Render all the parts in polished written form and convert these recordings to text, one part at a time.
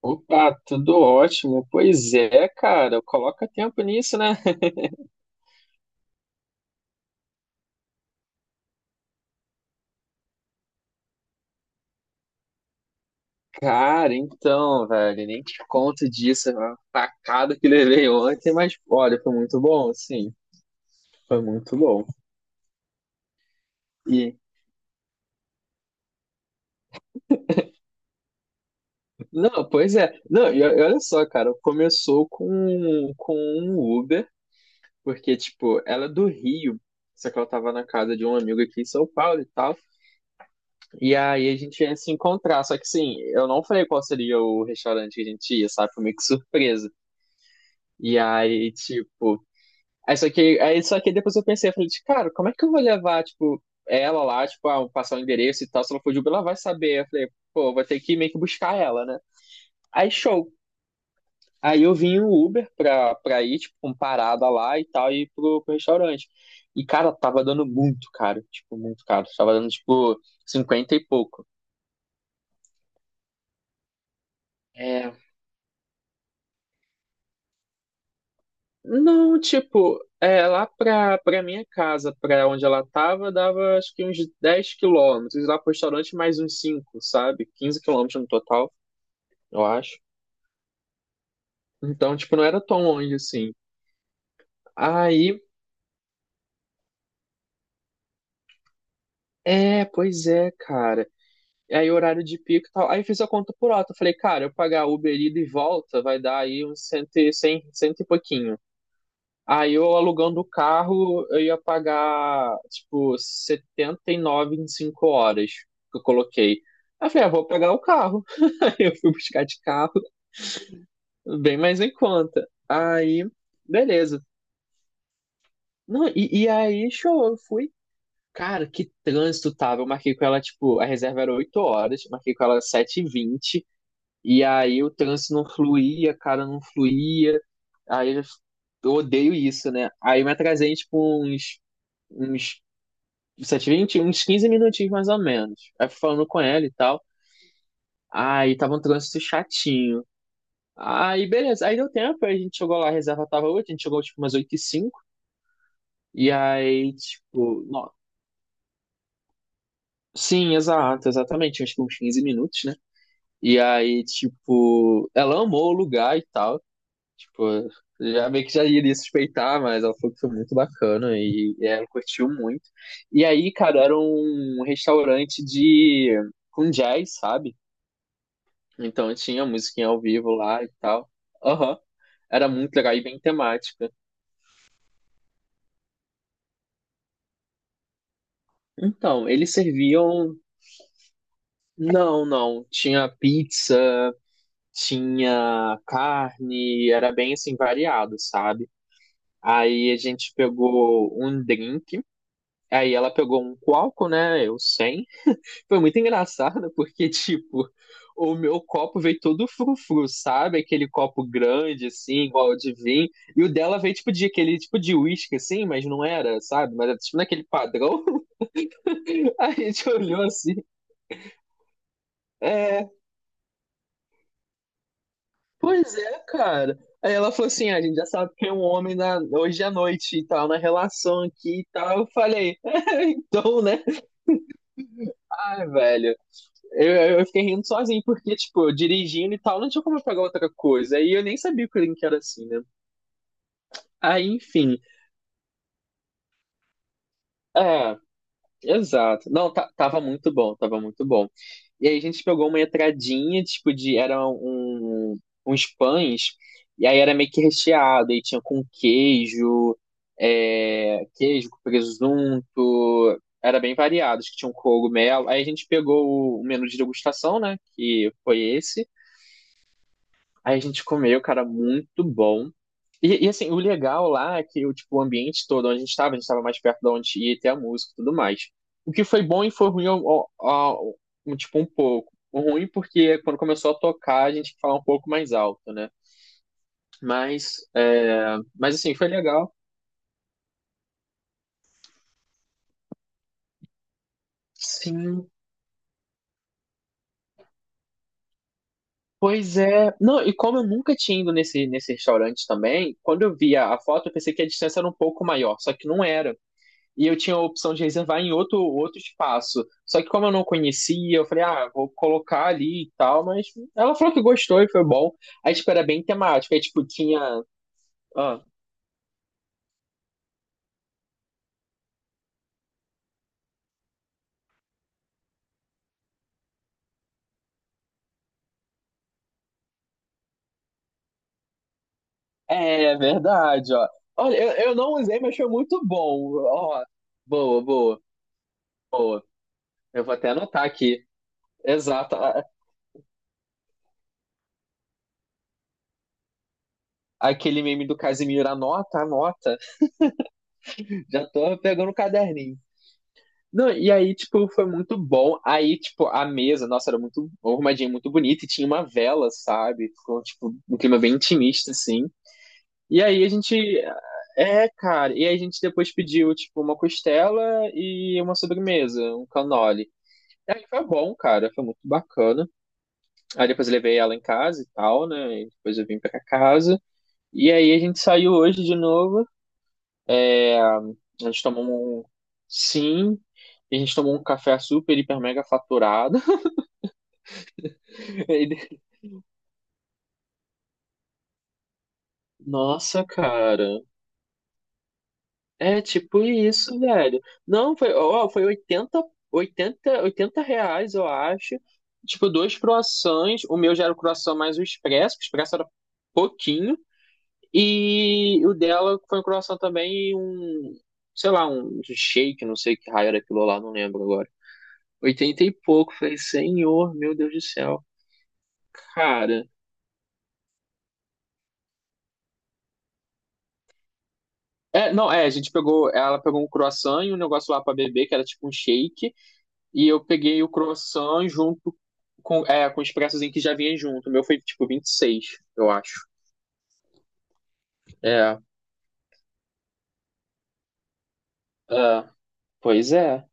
Opa, tudo ótimo. Pois é, cara, coloca tempo nisso, né? Cara, então, velho, nem te conto disso, a facada que levei ontem, mas olha, foi muito bom, sim, foi muito bom. E não, pois é. Não, e, e olha só, cara, começou com um Uber, porque tipo, ela é do Rio, só que ela tava na casa de um amigo aqui em São Paulo e tal. E aí a gente ia se encontrar, só que assim, eu não falei qual seria o restaurante que a gente ia, sabe? Foi meio que surpresa. E aí, tipo. Aí, só que depois eu pensei, eu falei, de, cara, como é que eu vou levar, tipo, ela lá, tipo, ah, passar o endereço e tal, se ela for de Uber, ela vai saber. Eu falei, pô, vou ter que meio que buscar ela, né? Aí, show. Aí eu vim o Uber pra ir, tipo, com parada lá e tal, e ir pro restaurante. E, cara, tava dando muito caro, tipo, muito caro. Tava dando, tipo, 50 e pouco. É, não, tipo, é, lá pra minha casa, pra onde ela tava, dava acho que uns 10 km. Lá pro restaurante, mais uns cinco, sabe? 15 km no total, eu acho. Então, tipo, não era tão longe assim. Aí, é, pois é, cara. E aí, horário de pico e tal. Aí, fiz a conta por alto. Eu falei, cara, eu pagar Uber ida e volta vai dar aí uns cento, cem, cento e pouquinho. Aí eu alugando o carro, eu ia pagar, tipo, 79 em 5 horas que eu coloquei. Aí eu falei, ah, vou pagar o carro. Aí eu fui buscar de carro, bem mais em conta. Aí, beleza. Não, e aí, show, eu fui. Cara, que trânsito tava. Eu marquei com ela, tipo, a reserva era 8h, eu marquei com ela sete h 20. E aí o trânsito não fluía, cara, não fluía. Aí eu odeio isso, né? Aí eu me atrasei, tipo, uns sete h 20, uns 15 minutinhos mais ou menos. Aí fui falando com ela e tal. Aí tava um trânsito chatinho. Aí, beleza. Aí deu tempo, aí a gente chegou lá, a reserva tava 8h, a gente chegou tipo umas 8h05. E aí, tipo, nó- sim, exato, exatamente, acho que uns 15 minutos, né? E aí, tipo, ela amou o lugar e tal. Tipo, já meio que já iria suspeitar, mas ela falou que foi muito bacana e ela curtiu muito. E aí, cara, era um restaurante de com jazz, sabe? Então tinha musiquinha ao vivo lá e tal. Aham. Era muito legal e bem temática. Então, eles serviam. Não, não. Tinha pizza, tinha carne, era bem assim variado, sabe? Aí a gente pegou um drink, aí ela pegou um coalco, né? Eu sem. Foi muito engraçado, porque, tipo, o meu copo veio todo frufru, sabe? Aquele copo grande, assim, igual de vinho. E o dela veio, tipo, de aquele tipo de uísque, assim, mas não era, sabe? Mas era, tipo, naquele padrão. A gente olhou assim. É, pois é, cara. Aí ela falou assim: "Ah, a gente já sabe que é um homem na, hoje à noite e tal, na relação aqui e tal." Eu falei: "É, então, né?" Ai, velho. Eu fiquei rindo sozinho, porque, tipo, dirigindo e tal, não tinha como eu pegar outra coisa. Aí eu nem sabia que o link era assim, né? Aí, enfim. É, exato. Não, tava muito bom, tava muito bom. E aí a gente pegou uma entradinha, tipo, de. Era um, uns pães, e aí era meio que recheado, e tinha com queijo, é, queijo com presunto. Era bem variado, acho que tinha um cogumelo. Aí a gente pegou o menu de degustação, né? Que foi esse. Aí a gente comeu, cara, muito bom. E, assim, o legal lá é que o, tipo, o ambiente todo onde a gente estava mais perto de onde ia ter a música e tudo mais. O que foi bom e foi ruim, um, tipo, um pouco. O ruim porque quando começou a tocar, a gente tinha que falar um pouco mais alto, né? Mas, é, mas assim, foi legal. Sim, pois é. Não, e como eu nunca tinha ido nesse restaurante também, quando eu vi a foto, eu pensei que a distância era um pouco maior, só que não era. E eu tinha a opção de reservar em outro espaço. Só que como eu não conhecia, eu falei, ah, vou colocar ali e tal, mas ela falou que gostou e foi bom. Aí, tipo, era bem temático. Aí, tipo, tinha. Ó, é verdade, ó. Olha, eu não usei, mas foi muito bom. Ó, boa, boa. Eu vou até anotar aqui. Exato. Aquele meme do Casimiro, anota, anota. Já tô pegando o caderninho. Não, e aí, tipo, foi muito bom. Aí, tipo, a mesa, nossa, era muito arrumadinha, muito bonita, e tinha uma vela, sabe? Ficou, tipo, um clima bem intimista, assim. E aí a gente. É, cara. E aí a gente depois pediu, tipo, uma costela e uma sobremesa, um cannoli. E aí foi bom, cara, foi muito bacana. Aí depois eu levei ela em casa e tal, né? E depois eu vim pra casa. E aí a gente saiu hoje de novo. É, a gente tomou um, sim, e a gente tomou um café super, hiper, mega faturado. E nossa, cara. É tipo isso, velho. Não, foi, ó, foi R$ 80, eu acho. Tipo, dois croissants. O meu já era o croissant mais o expresso, que o expresso era pouquinho. E o dela foi um croissant também e um, sei lá, um shake, não sei que raio era aquilo lá, não lembro agora. Oitenta e pouco. Falei, senhor, meu Deus do céu, cara. É, não, é, a gente pegou, ela pegou um croissant e um negócio lá pra beber, que era tipo um shake, e eu peguei o croissant junto com, é, com o expressozinho que já vinha junto. O meu foi tipo 26, eu acho. É, é, pois é.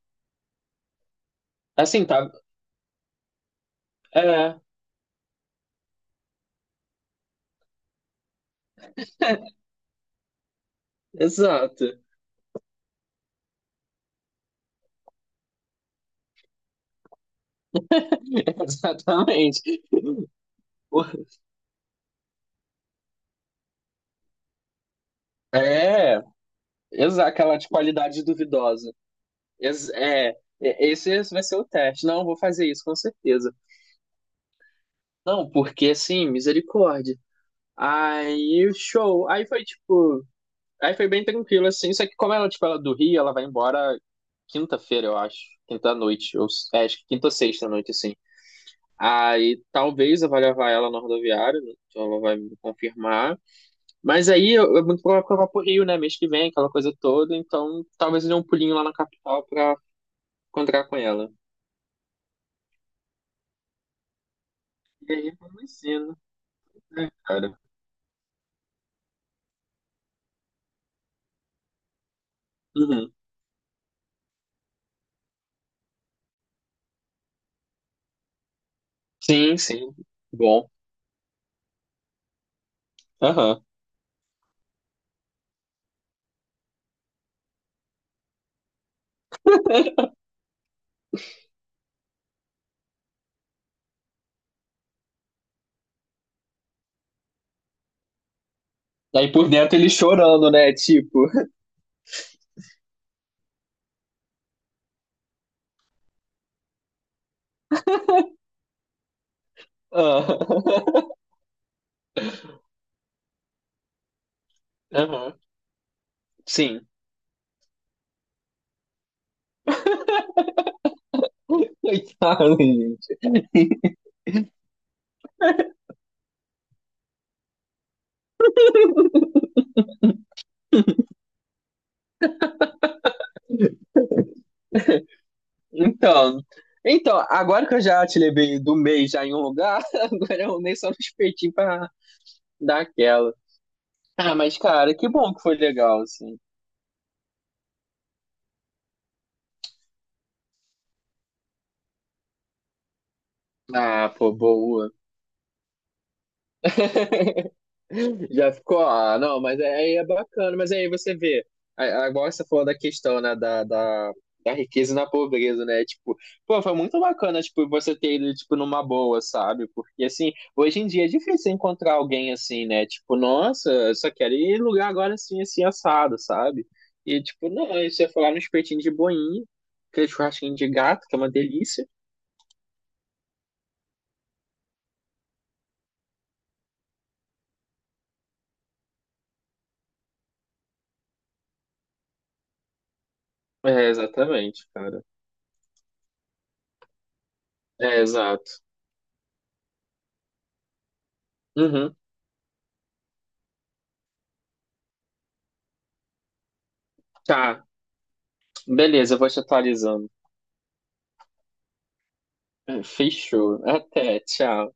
Assim, tá, é, exato, exatamente. É, exa aquela de qualidade duvidosa. É, é, esse vai ser o teste. Não, vou fazer isso, com certeza. Não, porque assim, misericórdia. Aí o show. Aí foi tipo. Aí foi bem tranquilo, assim. Só que como ela, tipo, ela é do Rio, ela vai embora quinta-feira, eu acho. Quinta-noite. Ou, é, acho que quinta ou sexta-noite, assim. Aí talvez eu vá levar ela na rodoviária, né? Então ela vai me confirmar. Mas aí eu- é muito provável que eu vá pro Rio, né? Mês que vem, aquela coisa toda. Então talvez eu dê um pulinho lá na capital pra encontrar com ela. E aí foi um ensino, né, cara? Uhum. Sim, sim. Bom. Aham. Aí por dentro ele chorando, né? Tipo. Ah, aham. Sim. Coitado, gente. Então. Então, agora que eu já te levei do mês já em um lugar, agora eu nem só no espetinho pra dar aquela. Ah, mas cara, que bom que foi legal, assim. Ah, pô, boa. Já ficou, ah, não, mas é, aí é bacana, mas aí você vê, agora você falou da questão, né, da riqueza na pobreza, né, tipo, pô, foi muito bacana, tipo, você ter ido, tipo, numa boa, sabe, porque, assim, hoje em dia é difícil encontrar alguém assim, né, tipo, nossa, eu só quero ir em lugar agora assim, assim, assado, sabe, e, tipo, não, aí você ia falar no espetinho de boinha, aquele churrasquinho de gato, que é uma delícia, é, exatamente, cara, é, exato, uhum, tá, beleza, eu vou te atualizando. Fechou. Até, tchau.